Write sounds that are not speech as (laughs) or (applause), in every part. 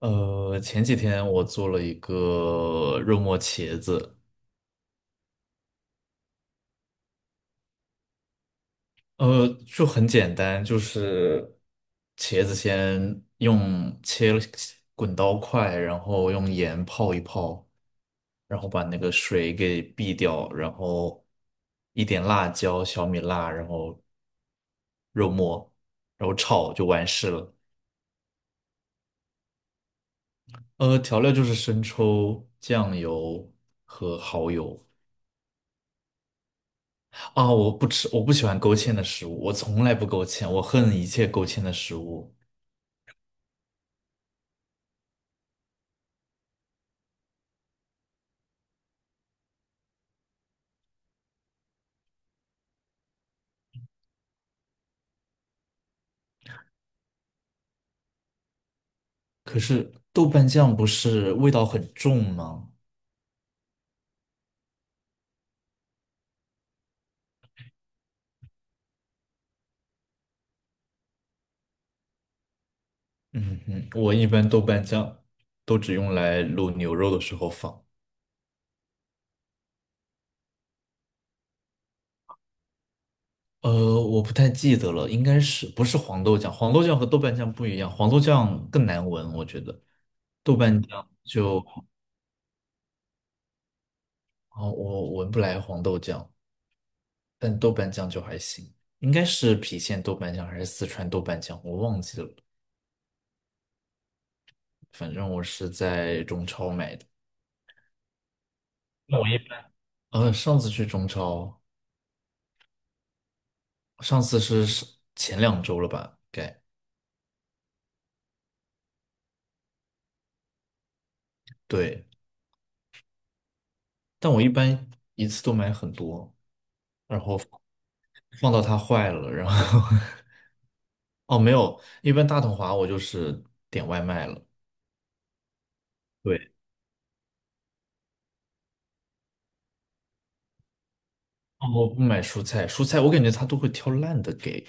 前几天我做了一个肉末茄子。就很简单，就是茄子先用切了滚刀块，然后用盐泡一泡，然后把那个水给避掉，然后一点辣椒、小米辣，然后肉末，然后炒就完事了。调料就是生抽、酱油和蚝油。啊，我不吃，我不喜欢勾芡的食物，我从来不勾芡，我恨一切勾芡的食物。可是豆瓣酱不是味道很重吗？嗯哼，我一般豆瓣酱都只用来卤牛肉的时候放。我不太记得了，应该是不是黄豆酱？黄豆酱和豆瓣酱不一样，黄豆酱更难闻，我觉得。豆瓣酱就，啊，我闻不来黄豆酱，但豆瓣酱就还行，应该是郫县豆瓣酱还是四川豆瓣酱，我忘记了。反正我是在中超买的。那我一般上次去中超，上次是前2周了吧？该，对，但我一般一次都买很多，然后放到它坏了，然后 (laughs) 哦没有，一般大统华我就是点外卖了。对，哦我不买蔬菜，蔬菜我感觉他都会挑烂的给。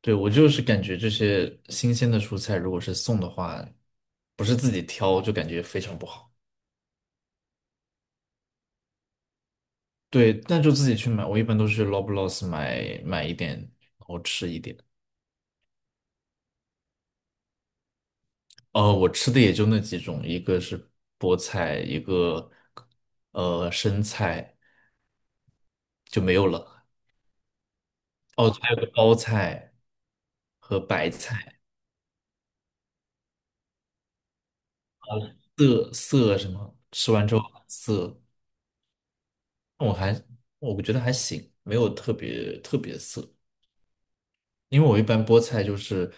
对，我就是感觉这些新鲜的蔬菜，如果是送的话，不是自己挑，就感觉非常不好。对，那就自己去买。我一般都是去 Loblaws 买一点，然后吃一点。我吃的也就那几种，一个是菠菜，一个生菜就没有了。哦，还有个包菜和白菜，涩什么，吃完之后很涩，我还我觉得还行，没有特别特别涩。因为我一般菠菜就是，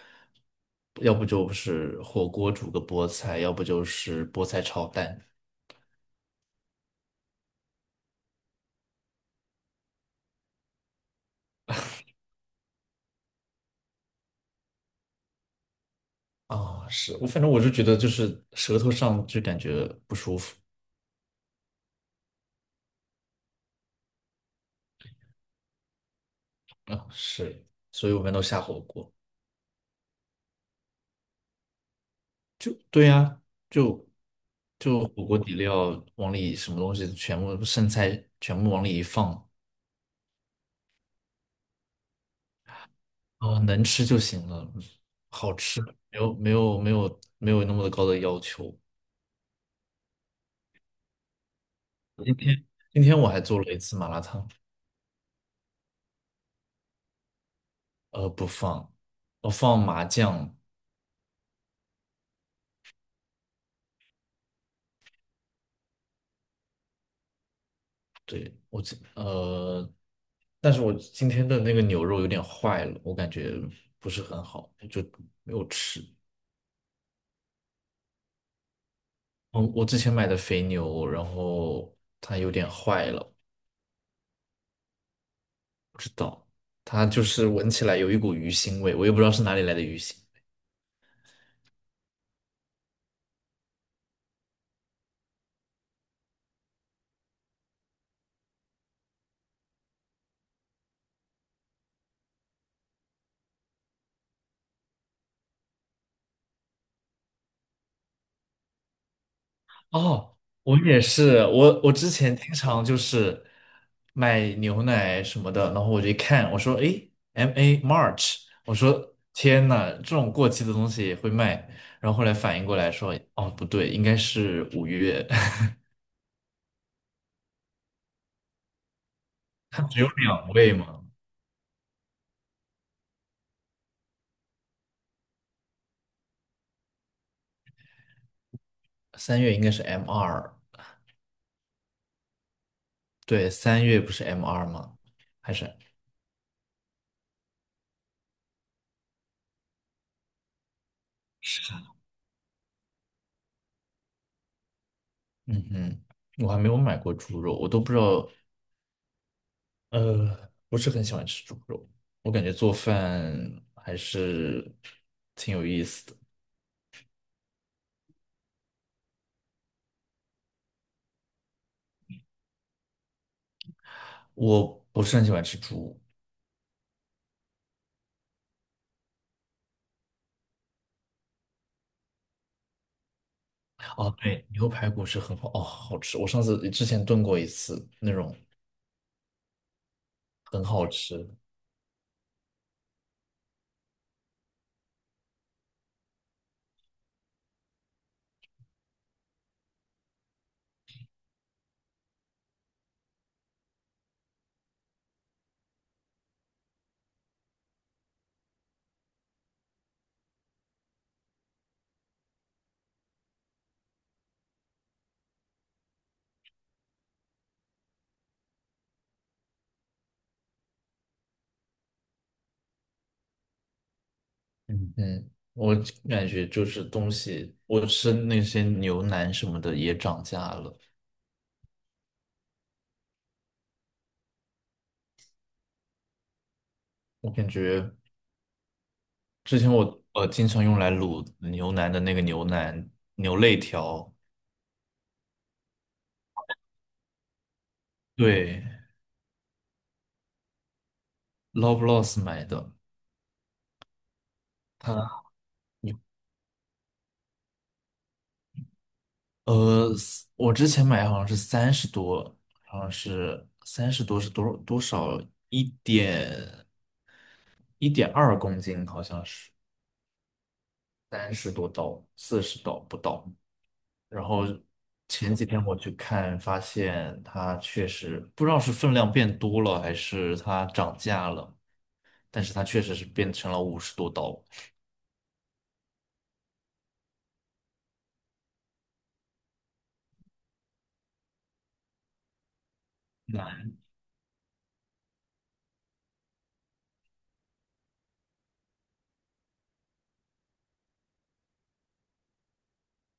要不就是火锅煮个菠菜，要不就是菠菜炒蛋。啊，是，我反正是觉得就是舌头上就感觉不舒服。啊，是，所以我们都下火锅，对呀、就就火锅底料往里什么东西全部剩菜全部往里一放，啊，能吃就行了，好吃，没有那么高的要求。今天今天我还做了一次麻辣烫。不放，我放麻酱。对，但是我今天的那个牛肉有点坏了，我感觉不是很好，就没有吃。我之前买的肥牛，然后它有点坏了。不知道，它就是闻起来有一股鱼腥味，我也不知道是哪里来的鱼腥。哦，我也是，我之前经常就是买牛奶什么的，然后我就一看，我说，诶 MA March，我说天呐，这种过期的东西也会卖，然后后来反应过来说，哦，不对，应该是五月。(laughs) 它只有两位嘛，三月应该是 M 二。对，三月不是 M 二吗？还是，嗯哼，我还没有买过猪肉，我都不知道不是很喜欢吃猪肉，我感觉做饭还是挺有意思的。我不是很喜欢吃猪。哦，对，牛排骨是很好，哦，好吃。我上次之前炖过一次，那种很好吃。嗯，嗯，我感觉就是东西，我吃那些牛腩什么的也涨价了。我感觉之前我经常用来卤牛腩的那个牛肋条，对 l o v e l o s s 买的。它。呃，我之前买好像是三十多，好像是三十多是多少多少一点1.2公斤，好像是30多刀，40刀不到。然后前几天我去看，发现它确实不知道是分量变多了还是它涨价了，但是它确实是变成了50多刀。那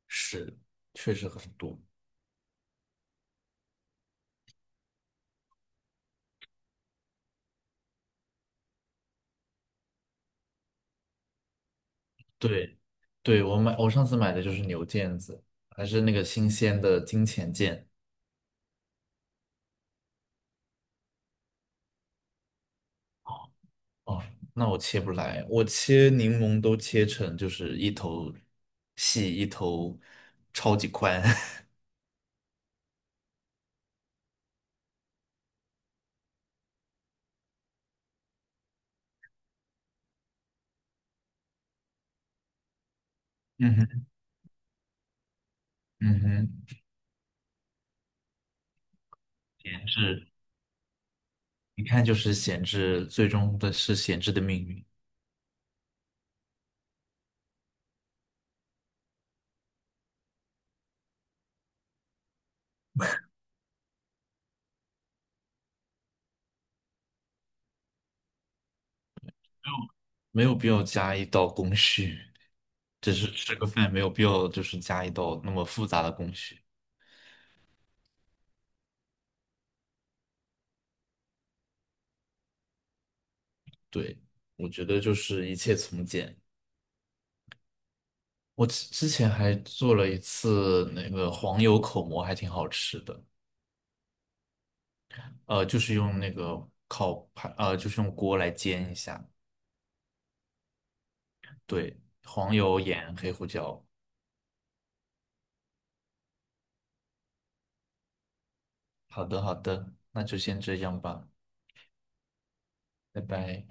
是确实很多。对，对，我上次买的就是牛腱子，还是那个新鲜的金钱腱。哦，那我切不来，我切柠檬都切成就是一头细，一头超级宽。(laughs) 嗯哼，嗯哼，闲置，一看就是闲置，最终的是闲置的命运。有没有必要加一道工序，只是吃个饭，没有必要就是加一道那么复杂的工序。对，我觉得就是一切从简。我之前还做了一次那个黄油口蘑，还挺好吃的。就是用那个烤盘，就是用锅来煎一下。对，黄油、盐、黑胡椒。好的，好的，那就先这样吧，拜拜。